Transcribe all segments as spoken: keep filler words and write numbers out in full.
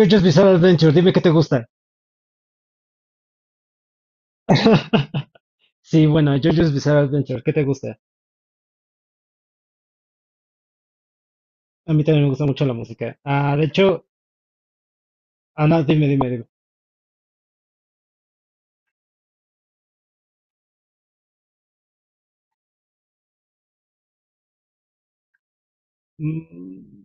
JoJo's Bizarre Adventure, dime qué te gusta. Sí, bueno, JoJo's Bizarre Adventure, ¿qué te gusta? A mí también me gusta mucho la música. Ah, de hecho, ah, no, dime, dime, dime. Mm,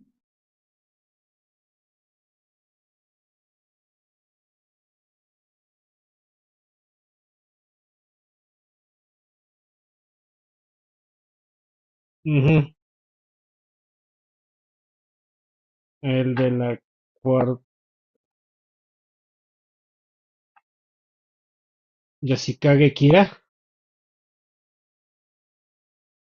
ujú, el de la cuarta, Yoshikage Kira,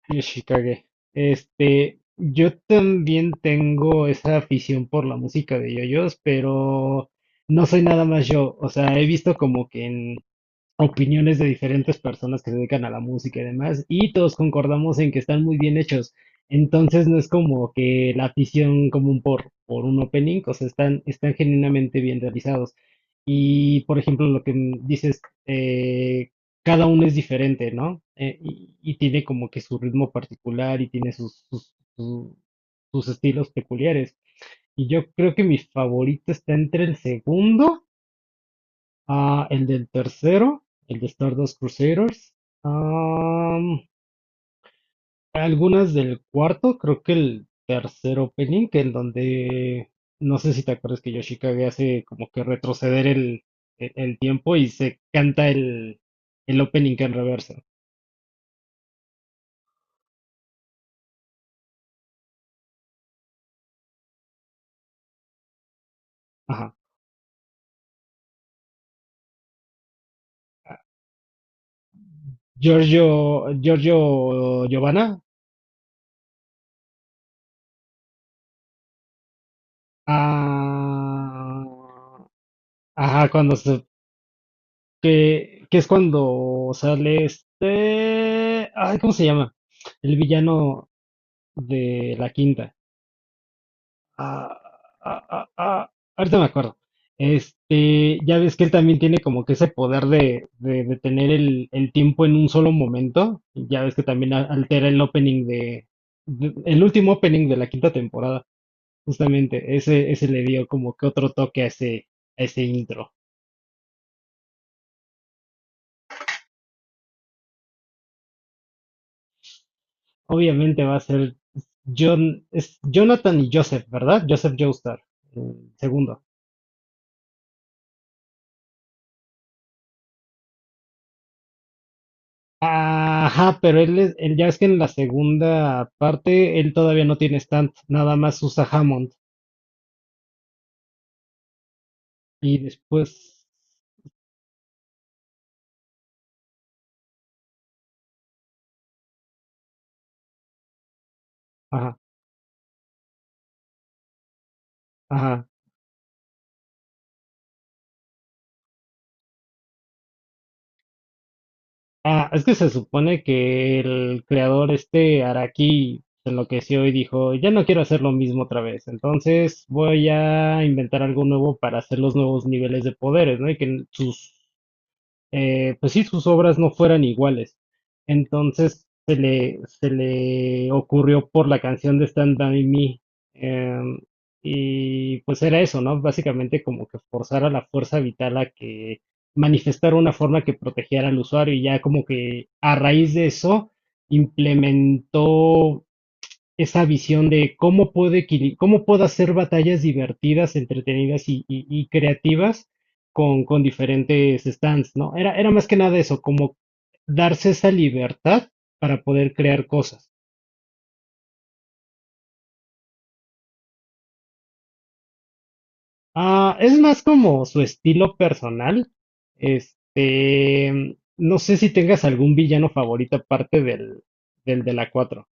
Yoshikage. Este, yo también tengo esa afición por la música de JoJo's, pero no soy nada más yo. O sea, he visto como que en opiniones de diferentes personas que se dedican a la música y demás, y todos concordamos en que están muy bien hechos. Entonces no es como que la afición común por, por un opening, o sea, están, están genuinamente bien realizados. Y por ejemplo, lo que m- dices, eh, cada uno es diferente, ¿no? Eh, y, y tiene como que su ritmo particular y tiene sus, sus, su- sus estilos peculiares. Y yo creo que mi favorito está entre el segundo. Ah, el del tercero, el de Stardust Crusaders. Am, algunas del cuarto, creo que el tercer opening, que en donde no sé si te acuerdas que Yoshikage hace como que retroceder el, el, el tiempo y se canta el, el opening en reversa. Ajá. Giorgio, Giorgio Giovanna. Ah, ajá, cuando se... Que, que es cuando sale este... Ay, ¿cómo se llama? El villano de la quinta. Ah, ah, ah, ah, ahorita me acuerdo. Este, ya ves que él también tiene como que ese poder de, de detener el, el tiempo en un solo momento. Ya ves que también a- altera el opening de, de- el último opening de la quinta temporada. Justamente, ese, ese le dio como que otro toque a ese, a ese intro. Obviamente va a ser John, es Jonathan y Joseph, ¿verdad? Joseph Joestar, el segundo. Ajá, pero él, es- él ya es que en la segunda parte él todavía no tiene stand, nada más usa Hammond. Y después, ajá, ajá. Ah, es que se supone que el creador este Araki se enloqueció y dijo, ya no quiero hacer lo mismo otra vez, entonces voy a inventar algo nuevo para hacer los nuevos niveles de poderes, ¿no? Y que sus... eh, pues sí, sus obras no fueran iguales. Entonces se le, se le ocurrió por la canción de Stand By Me. em, y pues era eso, ¿no? Básicamente como que forzar a la fuerza vital a que manifestara una forma que protegiera al usuario y ya como que a raíz de eso implementó esa visión de cómo puedo, equili- cómo puedo hacer batallas divertidas, entretenidas y, y- y creativas con, con diferentes stands, ¿no? Era, era más que nada eso, como darse esa libertad para poder crear cosas. Ah, es más como su estilo personal. Este, no sé si tengas algún villano favorito aparte del, del de la cuatro.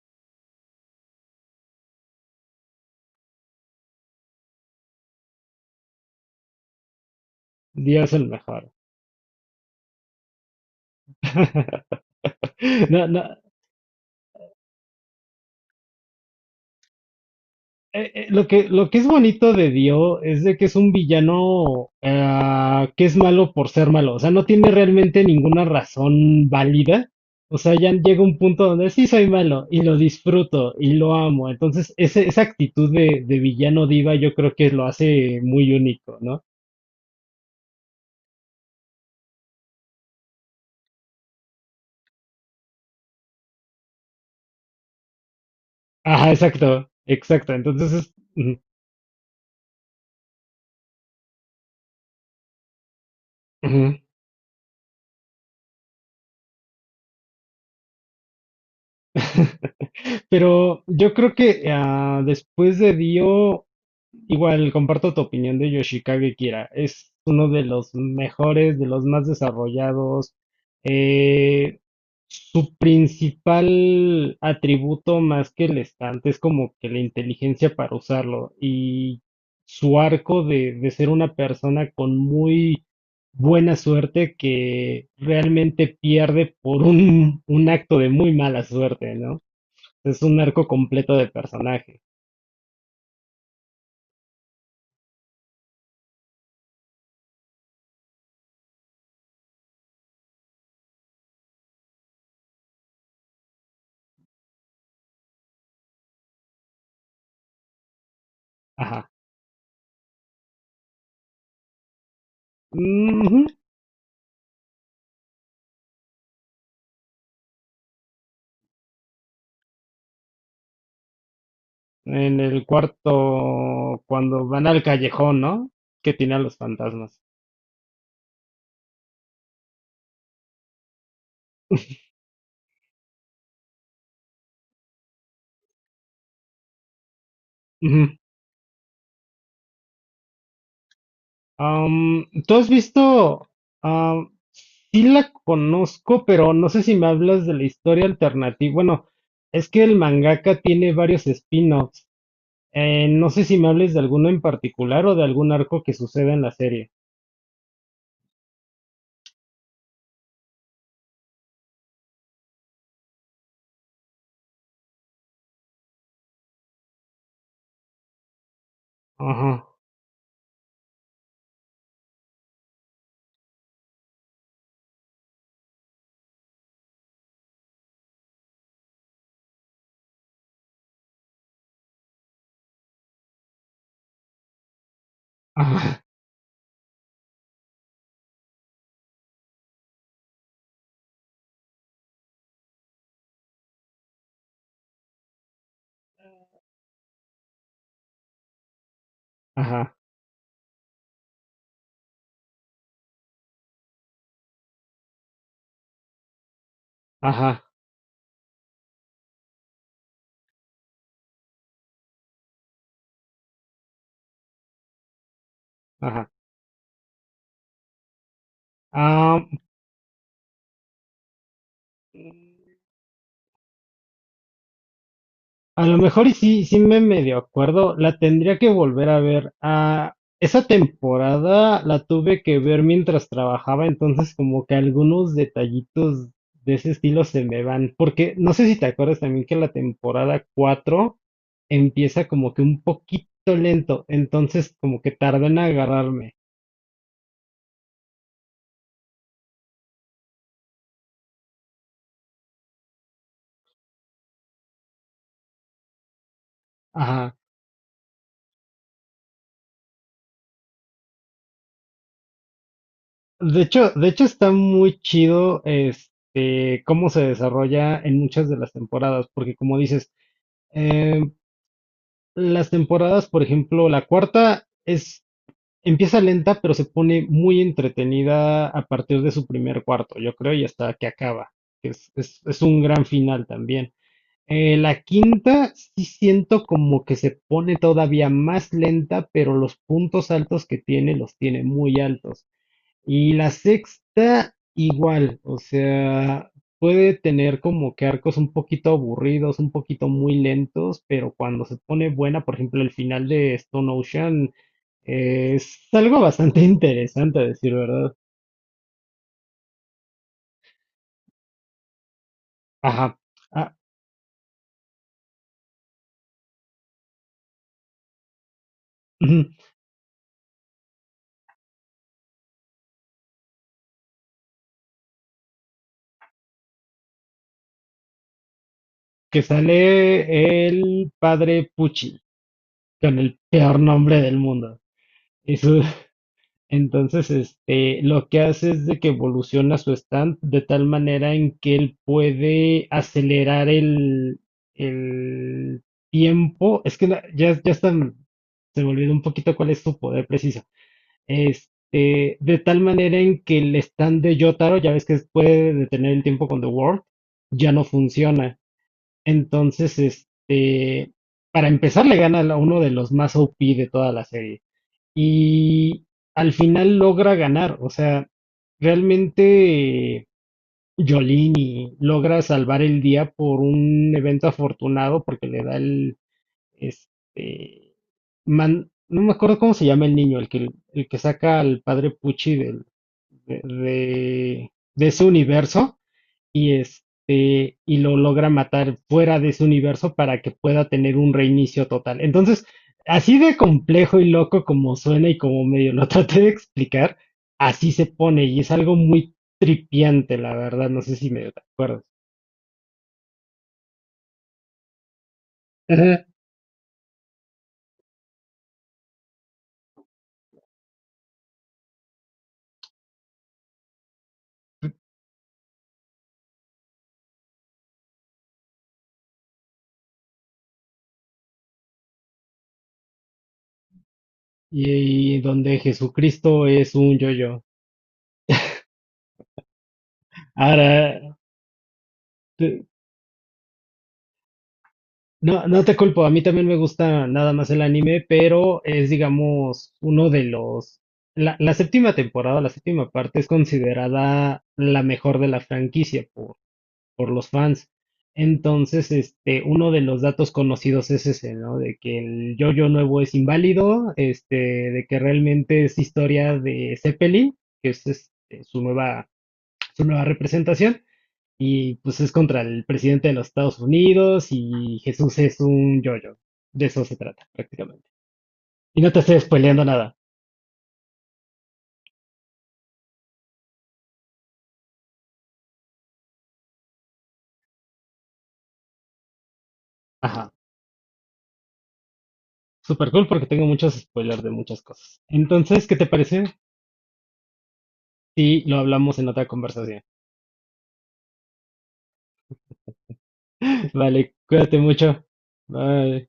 Dios el mejor. No, no, eh, eh, lo que, lo que es bonito de Dio es de que es un villano ah, que es malo por ser malo. O sea, no tiene realmente ninguna razón válida. O sea, ya llega un punto donde sí soy malo y lo disfruto y lo amo. Entonces, ese- esa actitud de, de villano diva yo creo que lo hace muy único, ¿no? Ajá, exacto, exacto. Entonces, es- ujú, ujú. Pero yo creo que ah, después de Dio, igual comparto tu opinión de Yoshikage Kira. Es uno de los mejores, de los más desarrollados. Eh, su principal atributo más que el estante es como que la inteligencia para usarlo y su arco de, de ser una persona con muy buena suerte que realmente pierde por un, un acto de muy mala suerte, ¿no? Es un arco completo de personaje. Ajá. Ujú. En el cuarto, cuando van al callejón, ¿no? Que tiene a los fantasmas. Ujú. Am, ¿tú has visto? am, sí la conozco, pero no sé si me hablas de la historia alternativa. Bueno, es que el mangaka tiene varios spin-offs. Eh, no sé si me hables de alguno en particular o de algún arco que suceda en la serie. Ajá, ajá, ajá, ajá, ajá. Am, a lo mejor y sí, sí me medio acuerdo, la tendría que volver a ver. Ah, esa temporada la tuve que ver mientras trabajaba, entonces como que algunos detallitos de ese estilo se me van, porque no sé si te acuerdas también que la temporada cuatro empieza como que un poquito lento, entonces como que tarda en agarrarme. Ajá. De hecho, de hecho está muy chido este cómo se desarrolla en muchas de las temporadas, porque como dices, em, las temporadas, por ejemplo, la cuarta es empieza lenta, pero se pone muy entretenida a partir de su primer cuarto, yo creo, y hasta que acaba. Que es, es, es un gran final también. Eh, la quinta sí siento como que se pone todavía más lenta, pero los puntos altos que tiene los tiene muy altos. Y la sexta igual, o sea, puede tener como que arcos un poquito aburridos, un poquito muy lentos, pero cuando se pone buena, por ejemplo, el final de Stone Ocean eh, es algo bastante interesante, a decir verdad. Ajá. Ah, ujú. Que sale el padre Pucci, con el peor nombre del mundo. Y su... Entonces, este, lo que hace es de que evoluciona su stand de tal manera en que él puede acelerar el, el tiempo. Es que la- ya, ya están, se me olvidó un poquito cuál es su poder preciso. Este, de tal manera en que el stand de Yotaro, ya ves que puede detener el tiempo con The World, ya no funciona. Entonces, este, para empezar, le gana a uno de los más O P de toda la serie y al final logra ganar, o sea, realmente Jolini logra salvar el día por un evento afortunado porque le da el, este, man- no me acuerdo cómo se llama el niño, el que, el que saca al padre Pucci del- de, de, de ese universo, y este y lo logra matar fuera de su universo para que pueda tener un reinicio total. Entonces, así de complejo y loco como suena y como medio lo traté de explicar, así se pone y es algo muy tripiante, la verdad, no sé si me acuerdo. Ajá. Y, y donde Jesucristo es un yo-yo. Ahora, te-... No, no te culpo, a mí también me gusta nada más el anime, pero es, digamos, uno de los... La, la séptima temporada, la séptima parte es considerada la mejor de la franquicia por, por los fans. Entonces, este, uno de los datos conocidos es ese, ¿no? De que el yo nuevo es inválido, este, de que realmente es historia de Zeppelin, que es este, su nueva, su nueva representación. Y pues es contra el presidente de los Estados Unidos y Jesús es un yo yo. De eso se trata, prácticamente. Y no te estoy spoileando nada. Ajá. Super cool porque tengo muchos spoilers de muchas cosas. Entonces, ¿qué te parece si lo hablamos en otra conversación? Vale, cuídate mucho. Bye.